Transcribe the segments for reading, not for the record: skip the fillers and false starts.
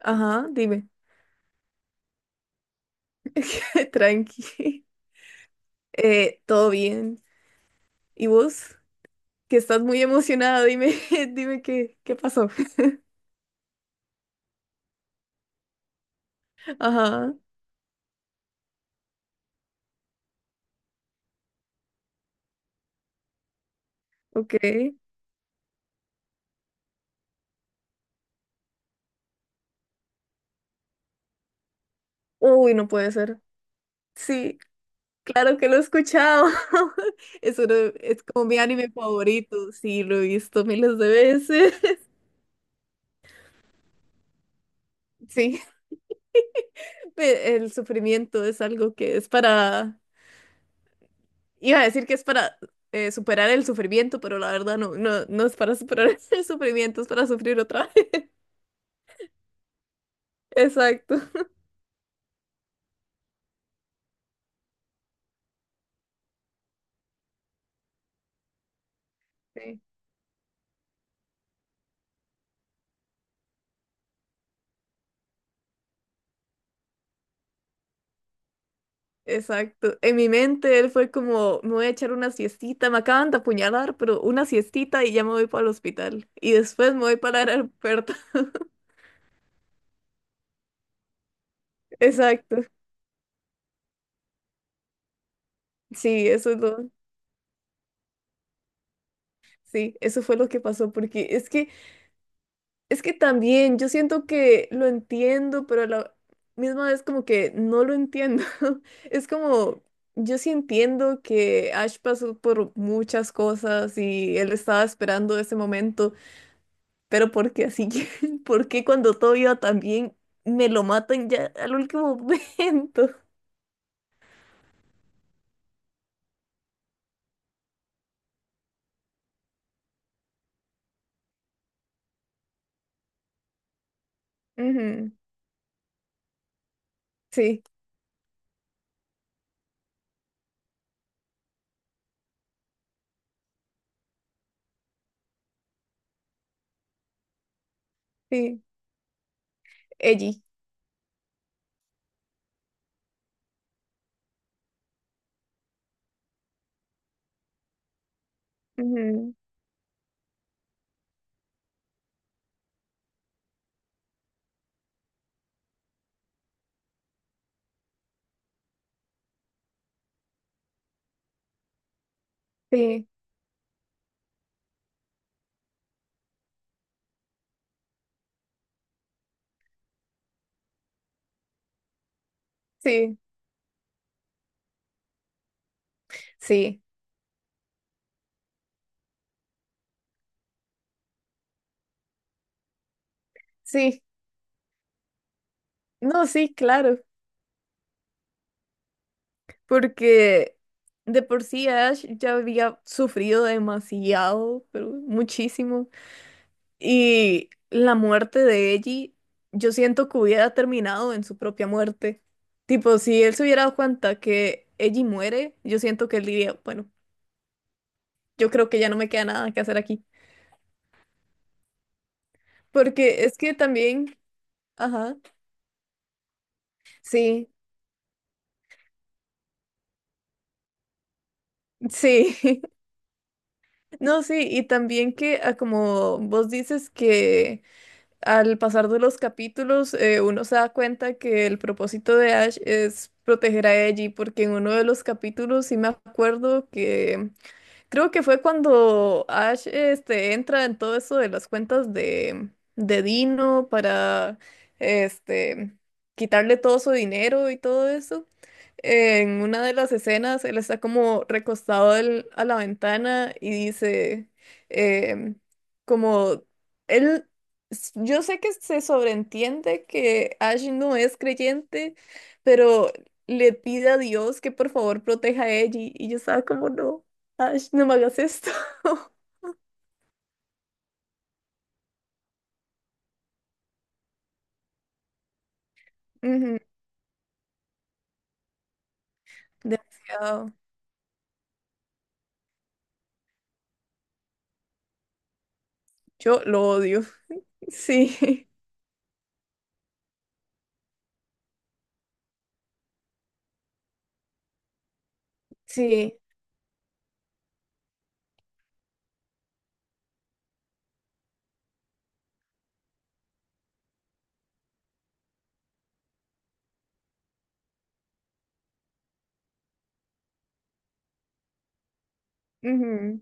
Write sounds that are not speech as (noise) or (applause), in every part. Ajá, dime. (laughs) Tranqui. Todo bien. ¿Y vos? Que estás muy emocionada, dime, (laughs) dime qué pasó. (laughs) Ajá, ok. Uy, no puede ser. Sí, claro que lo he escuchado. (laughs) Es uno, es como mi anime favorito. Sí, lo he visto miles de veces. (laughs) Sí, el sufrimiento es algo que es iba a decir que es para superar el sufrimiento, pero la verdad no es para superar (laughs) el sufrimiento, es para sufrir otra. Exacto. Sí, exacto. En mi mente él fue como, me voy a echar una siestita, me acaban de apuñalar, pero una siestita y ya me voy para el hospital. Y después me voy para el aeropuerto. (laughs) Exacto. Sí, eso es sí, eso fue lo que pasó, porque es es que también yo siento que lo entiendo, pero a la misma vez como que no lo entiendo. (laughs) Es como, yo sí entiendo que Ash pasó por muchas cosas y él estaba esperando ese momento. Pero porque así que, (laughs) ¿por qué cuando todo iba tan bien me lo matan ya al último (laughs) momento? Ujú. Sí, sí, Ellie. Ujú. Sí, sí, sí, sí. No, sí, claro. Porque de por sí Ash ya había sufrido demasiado, pero muchísimo. Y la muerte de Ellie, yo siento que hubiera terminado en su propia muerte. Tipo, si él se hubiera dado cuenta que Ellie muere, yo siento que él diría, bueno, yo creo que ya no me queda nada que hacer aquí. Porque es que también, ajá, sí, sí, (laughs) no, sí, y también que ah, como vos dices que al pasar de los capítulos uno se da cuenta que el propósito de Ash es proteger a Ellie, porque en uno de los capítulos sí me acuerdo que... Creo que fue cuando Ash entra en todo eso de las cuentas de Dino para este, quitarle todo su dinero y todo eso. En una de las escenas, él está como recostado a la ventana y dice, em, como, él, yo sé que se sobreentiende que Ash no es creyente, pero le pide a Dios que por favor proteja a ella y yo estaba como, no, Ash, no me hagas esto. (laughs) Ujú, demasiado. Yo lo odio. (laughs) Sí, sí, ujú,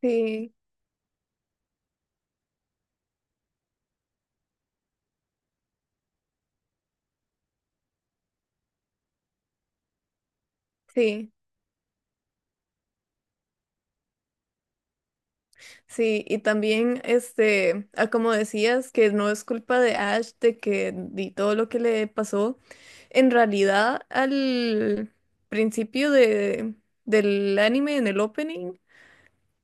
sí, sí. Sí, y también, este, ah, como decías, que no es culpa de Ash de que di todo lo que le pasó. En realidad, al principio del anime, en el opening,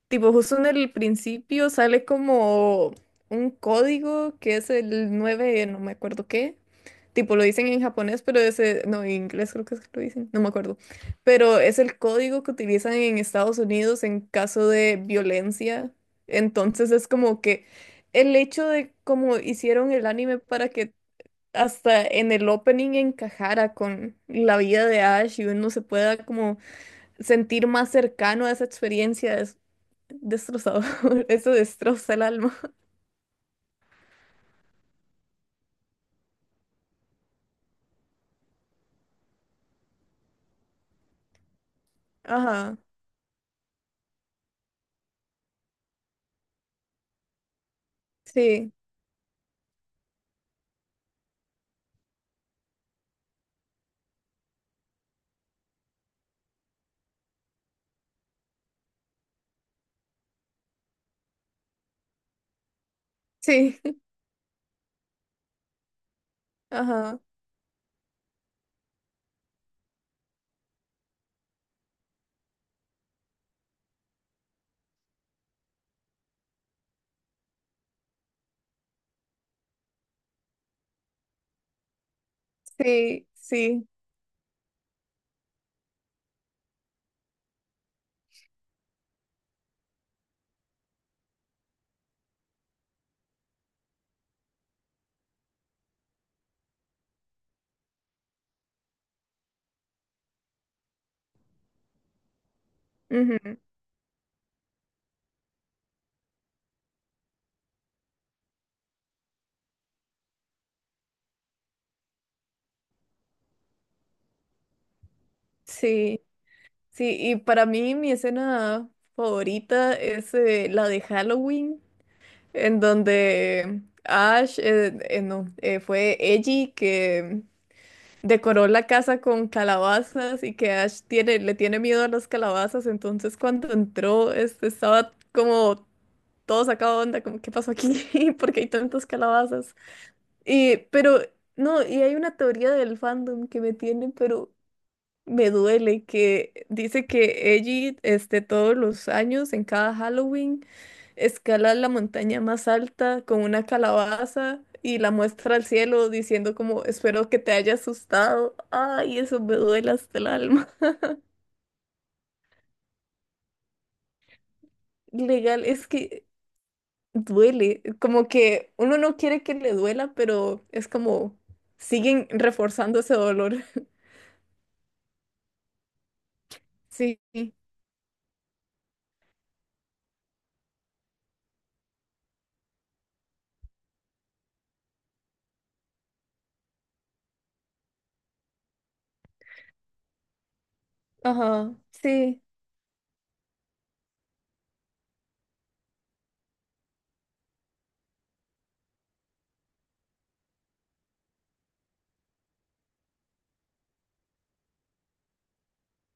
tipo justo en el principio sale como un código que es el 9 no me acuerdo qué. Tipo, lo dicen en japonés, pero ese, no, en inglés creo que es que lo dicen, no me acuerdo. Pero es el código que utilizan en Estados Unidos en caso de violencia. Entonces es como que el hecho de cómo hicieron el anime para que hasta en el opening encajara con la vida de Ash y uno se pueda como sentir más cercano a esa experiencia es destrozador. (laughs) Eso destroza el alma. Ajá. Sí, sí, (laughs) ajá. Sí, sí. Sí, sí, y para mí mi escena favorita es la de Halloween, en donde Ash, no, fue Ellie que decoró la casa con calabazas y que Ash tiene, le tiene miedo a las calabazas, entonces cuando entró este, estaba como todo sacado de onda, como ¿qué pasó aquí? (laughs) ¿Por qué hay tantas calabazas? Y, pero, no, y hay una teoría del fandom que me tiene, pero me duele que dice que Ellie, este, todos los años, en cada Halloween, escala la montaña más alta con una calabaza y la muestra al cielo diciendo como, espero que te haya asustado. Ay, eso me duele hasta el alma. (laughs) Legal, es que duele, como que uno no quiere que le duela, pero es como, siguen reforzando ese dolor. (laughs) Sí. Ajá, sí,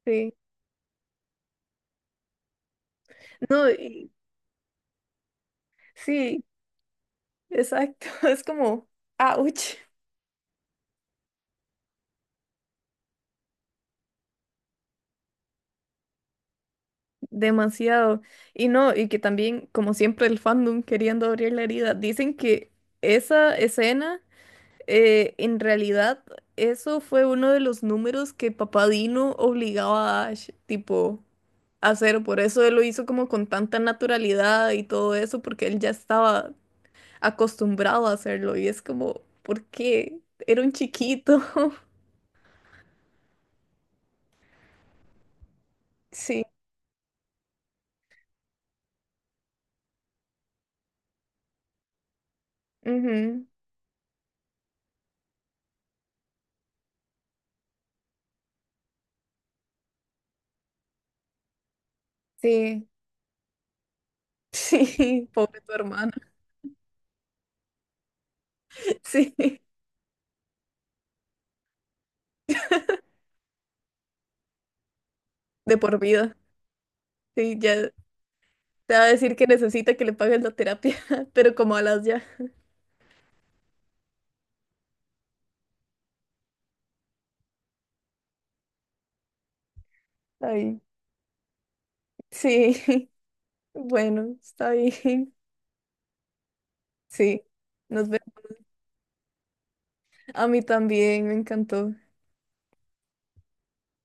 sí. No, sí. Exacto, (laughs) es como, ouch, demasiado. Y no, y que también, como siempre, el fandom queriendo abrir la herida, dicen que esa escena, en realidad, eso fue uno de los números que Papá Dino obligaba a Ash, tipo, a hacer. Por eso él lo hizo como con tanta naturalidad y todo eso, porque él ya estaba acostumbrado a hacerlo. Y es como, ¿por qué? Era un chiquito. (laughs) Sí. Ujú. Sí. (laughs) Sí, pobre tu hermana. (laughs) Sí, de por vida. Sí, ya te va a decir que necesita que le pagues la terapia, (laughs) pero como a las ya. Ay, sí, (laughs) bueno, está bien. (laughs) Sí, nos vemos. A mí también, me encantó.